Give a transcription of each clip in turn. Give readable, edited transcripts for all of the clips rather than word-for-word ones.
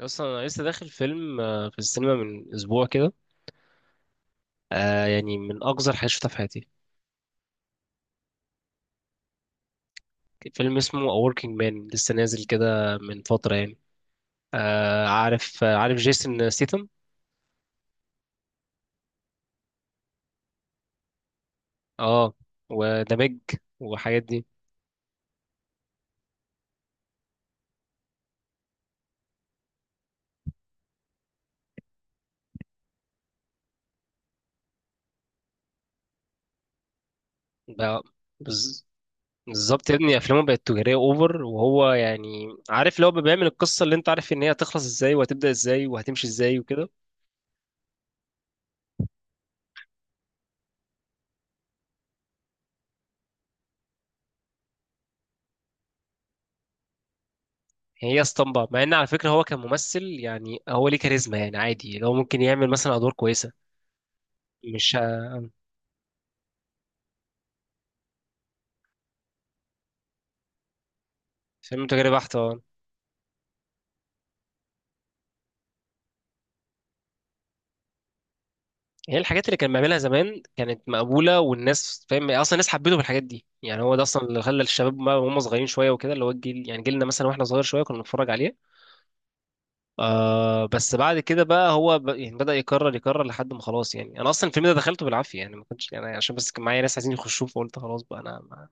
اصلا انا لسه داخل فيلم في السينما من اسبوع كده. يعني من اقذر حاجه شفتها في حياتي. فيلم اسمه A Working Man لسه نازل كده من فتره يعني. عارف جيسون سيتم. اه وذا بيج وحاجات دي. بقى بز- بالظبط يا ابني افلامه بقت تجاريه اوفر، وهو يعني عارف لو بيعمل القصه اللي انت عارف ان هي هتخلص ازاي وهتبدا ازاي وهتمشي ازاي وكده. هي اسطمبة، مع ان على فكره هو كممثل يعني هو ليه كاريزما، يعني عادي لو ممكن يعمل مثلا ادوار كويسه مش فيلم تجاري بحت. اه، هي الحاجات اللي كان بيعملها زمان كانت مقبولة، والناس فاهم اصلا الناس حبته بالحاجات دي، يعني هو ده اصلا اللي خلى الشباب وهم صغيرين شوية وكده، اللي هو الجيل يعني جيلنا مثلا، واحنا صغير شوية كنا بنتفرج عليه. آه بس بعد كده بقى هو يعني بدأ يكرر يكرر لحد ما خلاص، يعني انا اصلا الفيلم ده دخلته بالعافية يعني، ما كنتش يعني عشان بس كان معايا ناس عايزين يخشوه فقلت خلاص بقى انا ما...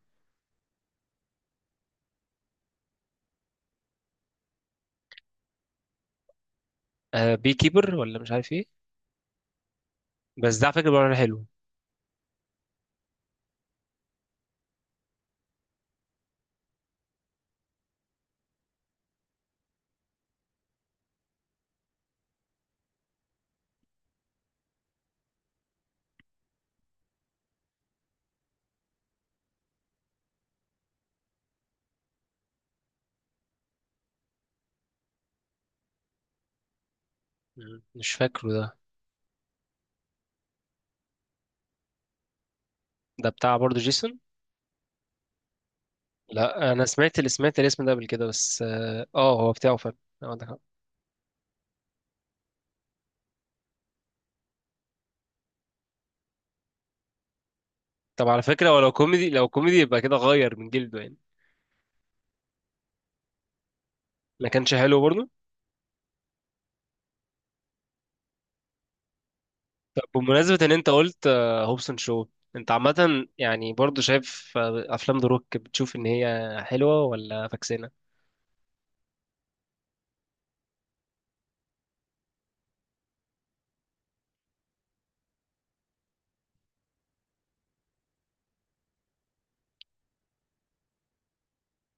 آه، بي كيبر ولا مش عارف ايه، بس ده على فكرة بقى حلو. مم، مش فاكره ده. ده بتاع برضه جيسون. لا انا سمعت، اللي سمعت الاسم ده قبل كده بس اه، هو بتاعه فعلا. آه، عندك حق. طب على فكره ولو كوميدي، لو كوميدي يبقى كده غير من جلده يعني. ما كانش حلو برضه. طب بمناسبه ان انت قلت هوبسون شو، انت عامه يعني برضه شايف افلام ذا روك بتشوف ان هي حلوه ولا فاكسانه؟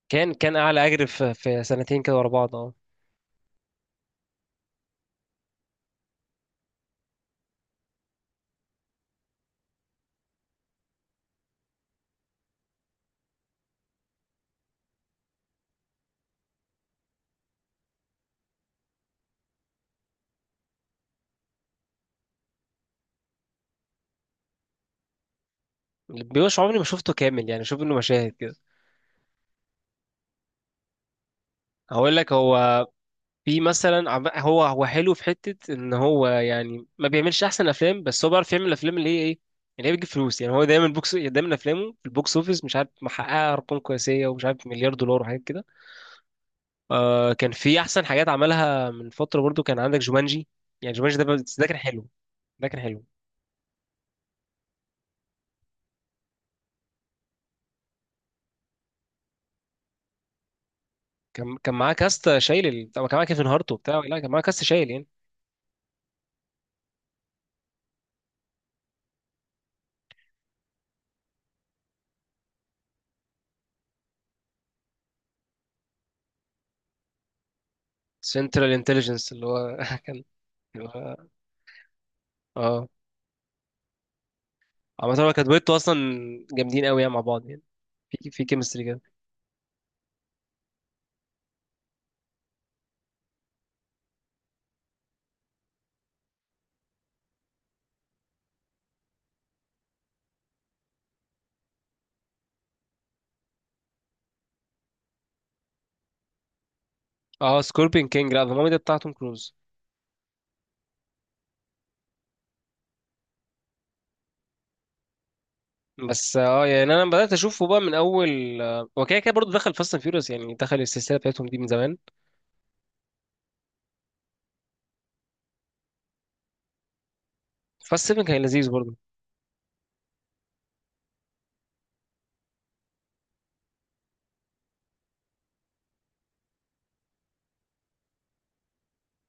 كان اعلى اجر في سنتين كده ورا بعض. اه، بيوش عمري ما شفته كامل يعني، شوف انه مشاهد كده. هقول لك هو في مثلا هو حلو في حته ان هو يعني ما بيعملش احسن افلام، بس هو بيعرف يعمل الافلام اللي هي ايه، اللي هي بتجيب فلوس، يعني هو دايما بوكس، دايما افلامه في البوكس اوفيس مش عارف محققه ارقام قياسيه ومش عارف مليار دولار وحاجات كده. آه كان في احسن حاجات عملها من فتره برضو، كان عندك جومانجي. يعني جومانجي ده، بس ده كان حلو. ده كان حلو. كان معاه كاست شايل، طب كان معاه كيفن هارت وبتاع، لا كان معاه كاست شايل يعني. سنترال انتليجنس اللي هو كان. اللي هو، اه عامة هو كانت دويتو اصلا. جامدين قوي يعني مع بعض يعني، في كيمستري كده. اه، سكوربين كينج، لا ذا مامي ده بتاع توم كروز. بس اه، يعني انا بدات اشوفه بقى من اول، هو كده كده برضه دخل فاست اند فيوريوس، يعني دخل السلسله بتاعتهم دي من زمان. فاست 7 كان لذيذ برضه.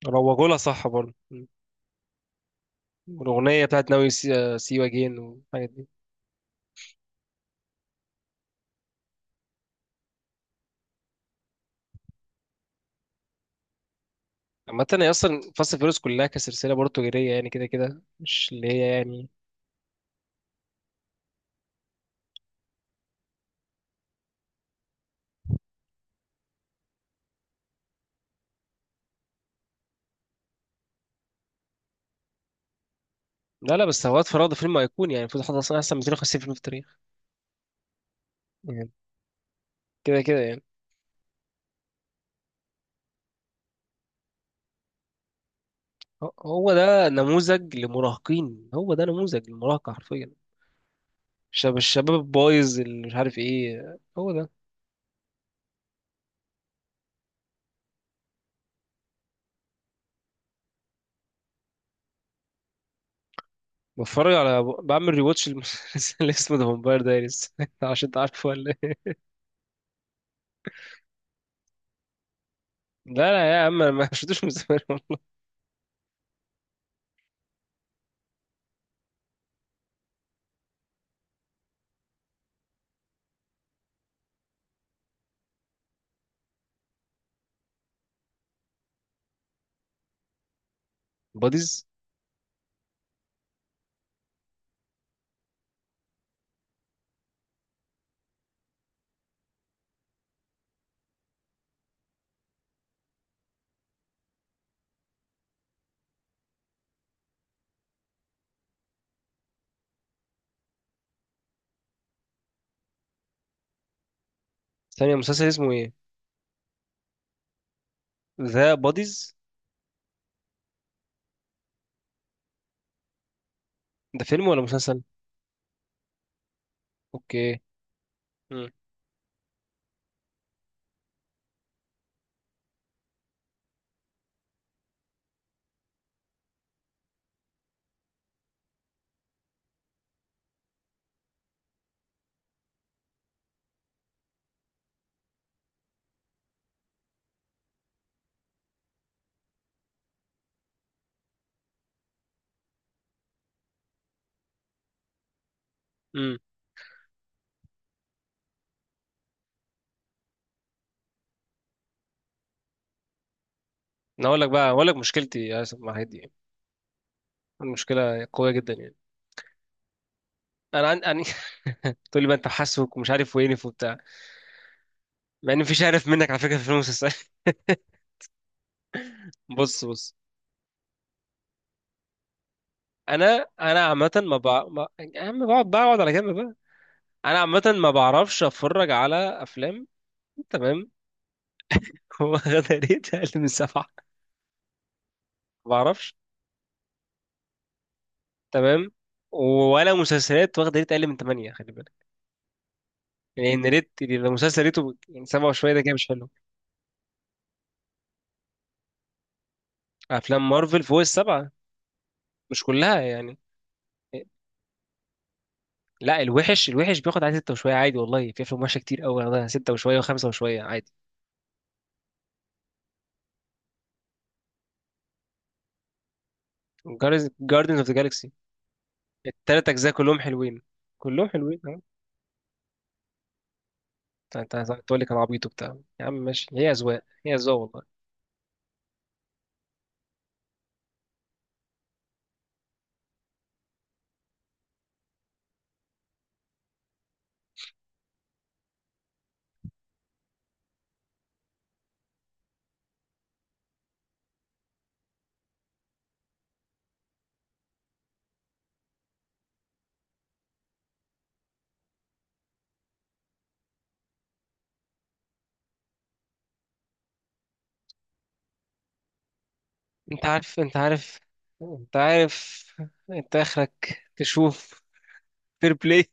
روجوا لها صح برضه. الاغنيه بتاعت ناوي سي, سي يو اجين والحاجات دي. عامه هي اصلا فاست اند فيوريوس كلها كسلسله برضه تجاريه يعني، كده كده مش اللي هي يعني. لا لا، بس هو وقت فراغ ده فيلم ايقوني يعني، المفروض حد اصلا، احسن 250 فيلم في التاريخ. يعني كده كده يعني، هو ده نموذج لمراهقين، هو ده نموذج للمراهقه حرفيا. الشباب البايظ اللي مش عارف ايه، هو ده. بتفرج على، بعمل ريواتش اللي اسمه ذا فامباير دايريز. عشان انت عارفه ولا ايه؟ لا لا يا عم انا ما شفتوش من زمان. باديز؟ ثانية، مسلسل اسمه ايه؟ ذا باديز. ده فيلم ولا مسلسل؟ اوكي. امم. امم. انا اقول لك بقى، اقول لك مشكلتي يا اسف مع الحاجات دي يعني. المشكلة قوية جدا يعني. انا أنا تقول لي بقى انت حاسك ومش عارف وينف وبتاع، مع ان مفيش عارف منك على فكرة في المسلسل. بص بص. انا عامه ما, بع... ما... يا عم بقعد على جنب بقى. انا عامه ما بعرفش اتفرج على افلام. تمام. واخده ريت اقل من سبعه، ما بعرفش. تمام، ولا مسلسلات واخده ريت اقل من ثمانيه، خلي بالك. يعني ان ريت، لو مسلسل ريته يعني سبعه وشويه، ده كده مش حلو. افلام مارفل فوق السبعه. مش كلها يعني. لا الوحش، الوحش بياخد على سته وشويه عادي، والله في افلام وحشه كتير قوي واخدها سته وشويه وخمسه وشويه عادي. جاردنز اوف ذا جالكسي، التلات اجزاء كلهم حلوين. كلهم حلوين آه. انت، تقول لي كان عبيط وبتاع، يا عم ماشي، هي اذواق، هي اذواق والله. انت عارف، انت عارف، انت عارف انت اخرك تشوف فير بلاي.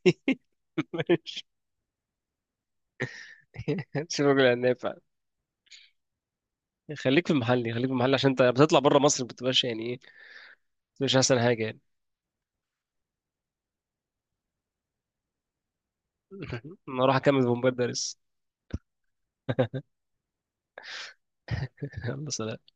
شوف الراجل العناب فعلا. خليك في المحل، خليك في المحل، عشان انت بتطلع بره مصر بتبقاش يعني ايه، مش احسن حاجه يعني. انا اروح اكمل في مبادرس. يلا سلام.